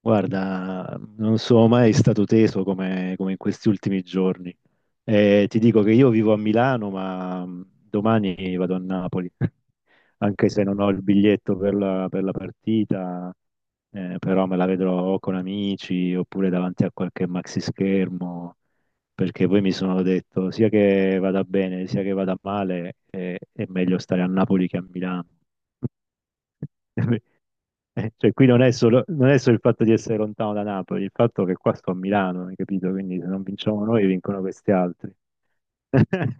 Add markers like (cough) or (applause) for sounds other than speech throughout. Guarda, non sono mai stato teso come, come in questi ultimi giorni. Ti dico che io vivo a Milano, ma domani vado a Napoli, (laughs) anche se non ho il biglietto per la partita, però me la vedrò con amici oppure davanti a qualche maxi schermo, perché poi mi sono detto sia che vada bene sia che vada male, è meglio stare a Napoli che a Milano. (laughs) Cioè, qui non è solo, non è solo il fatto di essere lontano da Napoli, il fatto che qua sto a Milano, hai capito? Quindi se non vinciamo noi, vincono questi altri. (laughs)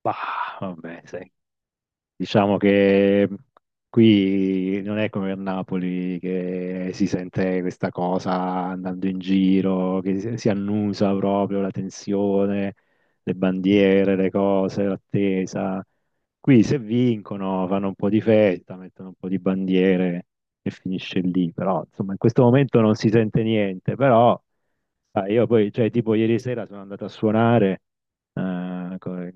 Bah, vabbè, sai. Diciamo che qui non è come a Napoli che si sente questa cosa andando in giro, che si annusa proprio la tensione, le bandiere, le cose, l'attesa. Qui se vincono fanno un po' di festa, mettono un po' di bandiere e finisce lì. Però insomma in questo momento non si sente niente, però sai, io poi, cioè tipo ieri sera sono andato a suonare eh, co-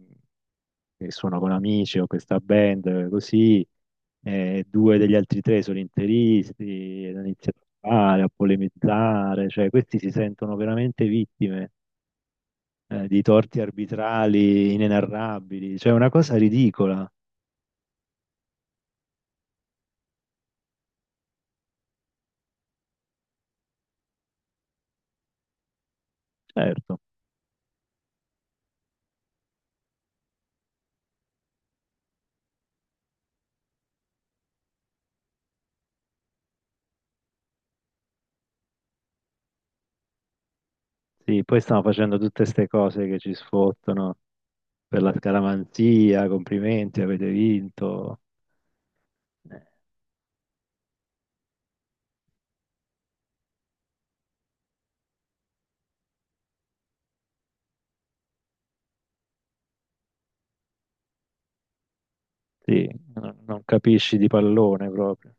che suono con amici, ho questa band, così, due degli altri tre sono interisti, ed hanno iniziato a fare, a polemizzare, cioè questi si sentono veramente vittime, di torti arbitrali inenarrabili, cioè una cosa ridicola, certo. Sì, poi stiamo facendo tutte queste cose che ci sfottono per la scaramanzia, complimenti, avete vinto. Eh, Sì, non capisci di pallone proprio.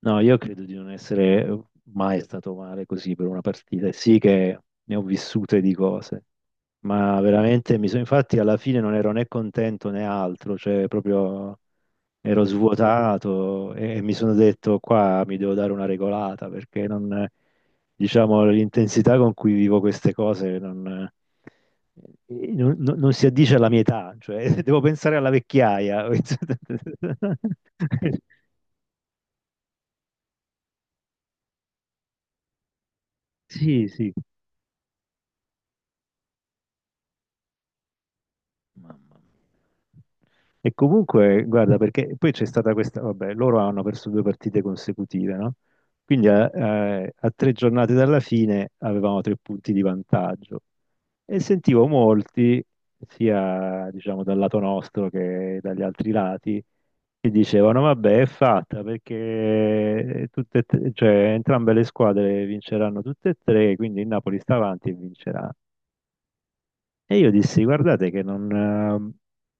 No, io credo di non essere mai stato male così per una partita. E sì che ne ho vissute di cose, ma veramente mi sono, infatti alla fine non ero né contento né altro, cioè proprio ero svuotato e mi sono detto qua mi devo dare una regolata perché non, diciamo, l'intensità con cui vivo queste cose non, non si addice alla mia età, cioè (laughs) devo pensare alla vecchiaia. (laughs) Sì, sì. Mamma mia. E comunque, guarda, perché poi c'è stata questa, vabbè, loro hanno perso due partite consecutive, no? Quindi a tre giornate dalla fine avevamo tre punti di vantaggio e sentivo molti, sia diciamo dal lato nostro che dagli altri lati, che dicevano, vabbè, è fatta perché cioè, entrambe le squadre vinceranno tutte e tre, quindi il Napoli sta avanti e vincerà. E io dissi, guardate che non,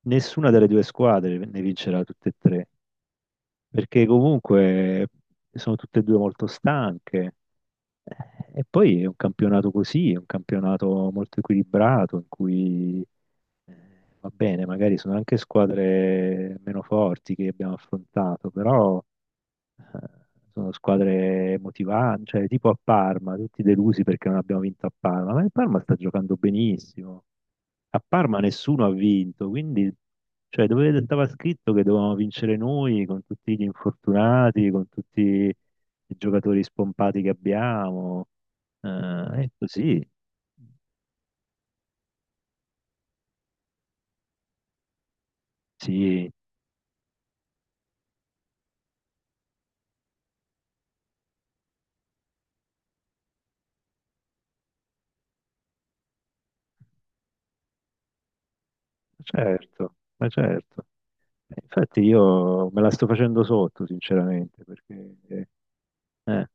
nessuna delle due squadre ne vincerà tutte e tre, perché comunque sono tutte e due molto stanche. Eh, E poi è un campionato così, è un campionato molto equilibrato, in cui va bene, magari sono anche squadre meno forti che abbiamo affrontato, però eh, sono squadre motivanti, cioè tipo a Parma, tutti delusi perché non abbiamo vinto a Parma, ma il Parma sta giocando benissimo. A Parma nessuno ha vinto, quindi cioè, dove stava scritto che dovevamo vincere noi con tutti gli infortunati, con tutti i giocatori spompati che abbiamo. Eh, è così, sì, certo, ma certo. Infatti io me la sto facendo sotto, sinceramente, perché eh,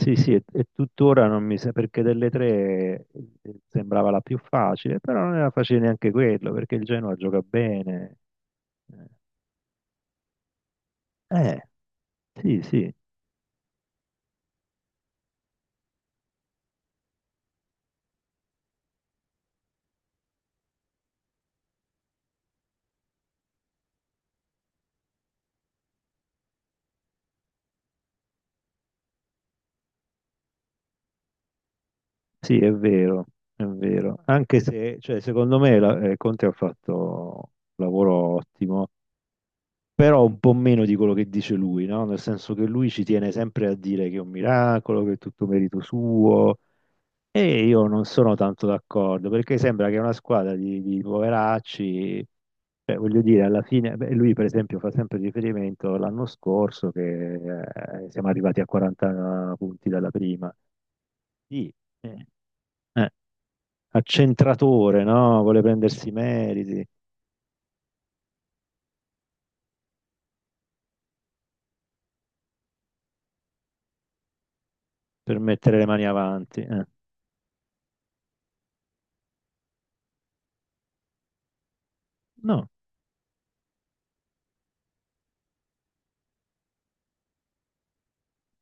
sì, sì, e tuttora non mi sa perché delle tre sembrava la più facile, però non era facile neanche quello, perché il Genoa gioca bene. Eh, eh, sì, sì, sì, è vero, è vero. Anche se, cioè, secondo me Conte ha fatto un lavoro ottimo, però un po' meno di quello che dice lui, no? Nel senso che lui ci tiene sempre a dire che è un miracolo, che è tutto merito suo. E io non sono tanto d'accordo perché sembra che una squadra di poveracci, cioè, voglio dire, alla fine, beh, lui per esempio fa sempre riferimento l'anno scorso che siamo arrivati a 40 punti dalla prima. Sì, eh, eh, accentratore, no? Vuole prendersi i meriti per mettere le mani avanti. No,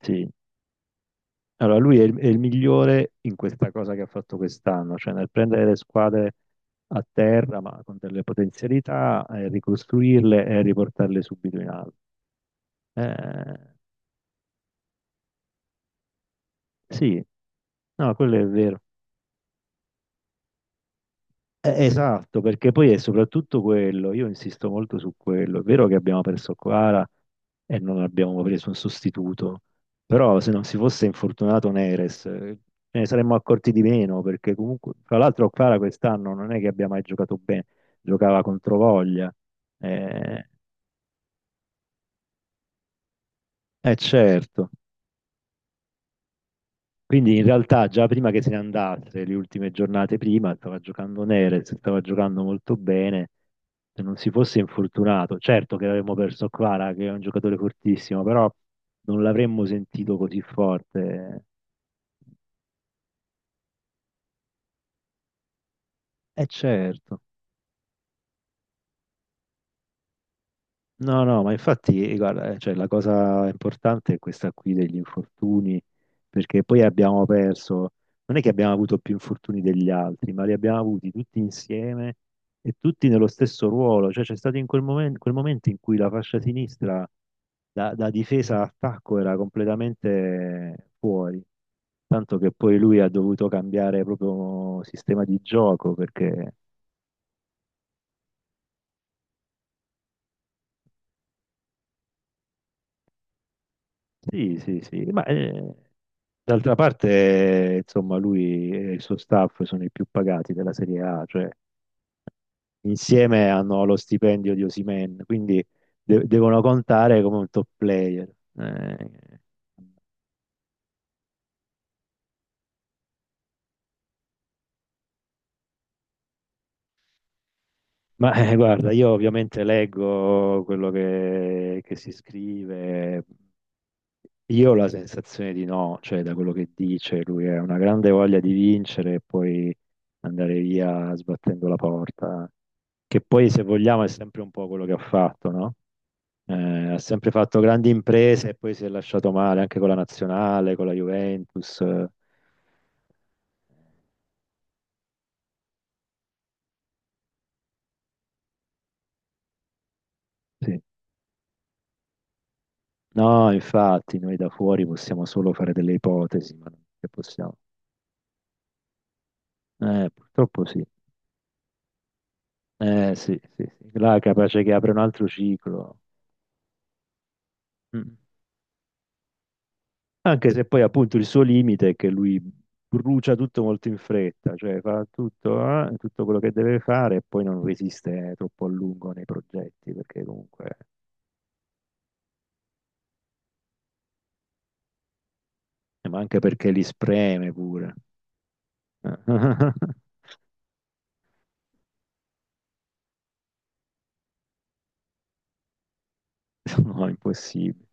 sì. Allora, lui è è il migliore in questa cosa che ha fatto quest'anno, cioè nel prendere le squadre a terra, ma con delle potenzialità, e ricostruirle e riportarle subito in alto. Eh, sì, no, quello è vero. Esatto, perché poi è soprattutto quello, io insisto molto su quello, è vero che abbiamo perso Quara e non abbiamo preso un sostituto, però se non si fosse infortunato Neres ce ne saremmo accorti di meno, perché comunque, tra l'altro Quara quest'anno non è che abbia mai giocato bene, giocava contro voglia, eh, certo. Quindi in realtà già prima che se ne andasse, le ultime giornate prima, stava giocando Neres, stava giocando molto bene, se non si fosse infortunato. Certo che avremmo perso Kvara, che è un giocatore fortissimo, però non l'avremmo sentito così forte. E certo. No, no, ma infatti, guarda, cioè, la cosa importante è questa qui degli infortuni, perché poi abbiamo perso, non è che abbiamo avuto più infortuni degli altri, ma li abbiamo avuti tutti insieme e tutti nello stesso ruolo, cioè c'è stato in quel momento in cui la fascia sinistra da difesa a attacco era completamente fuori, tanto che poi lui ha dovuto cambiare proprio sistema di gioco, perché sì, sì, sì. D'altra parte, insomma, lui e il suo staff sono i più pagati della Serie A, cioè insieme hanno lo stipendio di Osimhen, quindi devono contare come un top player. Eh, guarda, io ovviamente leggo quello che si scrive, io ho la sensazione di no, cioè da quello che dice, lui ha una grande voglia di vincere e poi andare via sbattendo la porta, che poi se vogliamo è sempre un po' quello che ha fatto, no? Eh, ha sempre fatto grandi imprese e poi si è lasciato male anche con la nazionale, con la Juventus. Sì. No, infatti, noi da fuori possiamo solo fare delle ipotesi, ma non che possiamo. Purtroppo sì. Sì, sì, sì. Là è capace che apre un altro ciclo. Mm. Anche se poi appunto il suo limite è che lui brucia tutto molto in fretta, cioè fa tutto, tutto quello che deve fare e poi non resiste troppo a lungo nei progetti, perché comunque ma anche perché li spreme pure. (laughs) No, impossibile.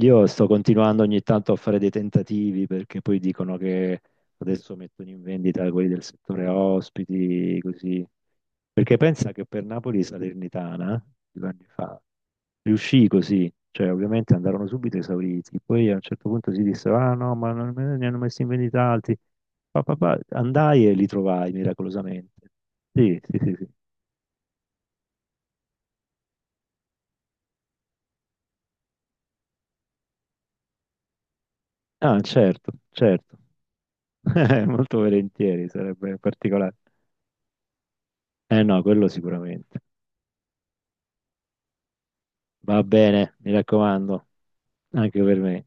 Io sto continuando ogni tanto a fare dei tentativi perché poi dicono che adesso mettono in vendita quelli del settore ospiti, così. Perché pensa che per Napoli Salernitana, due anni fa, riuscì così. Cioè, ovviamente andarono subito esauriti. Poi a un certo punto si dissero, ah no, ma ne hanno messi in vendita altri. Pa, pa, pa. Andai e li trovai miracolosamente. Sì, sì, sì, sì. Ah, certo, certo. (laughs) Molto volentieri, sarebbe particolare. Eh no, quello sicuramente. Va bene, mi raccomando, anche per me.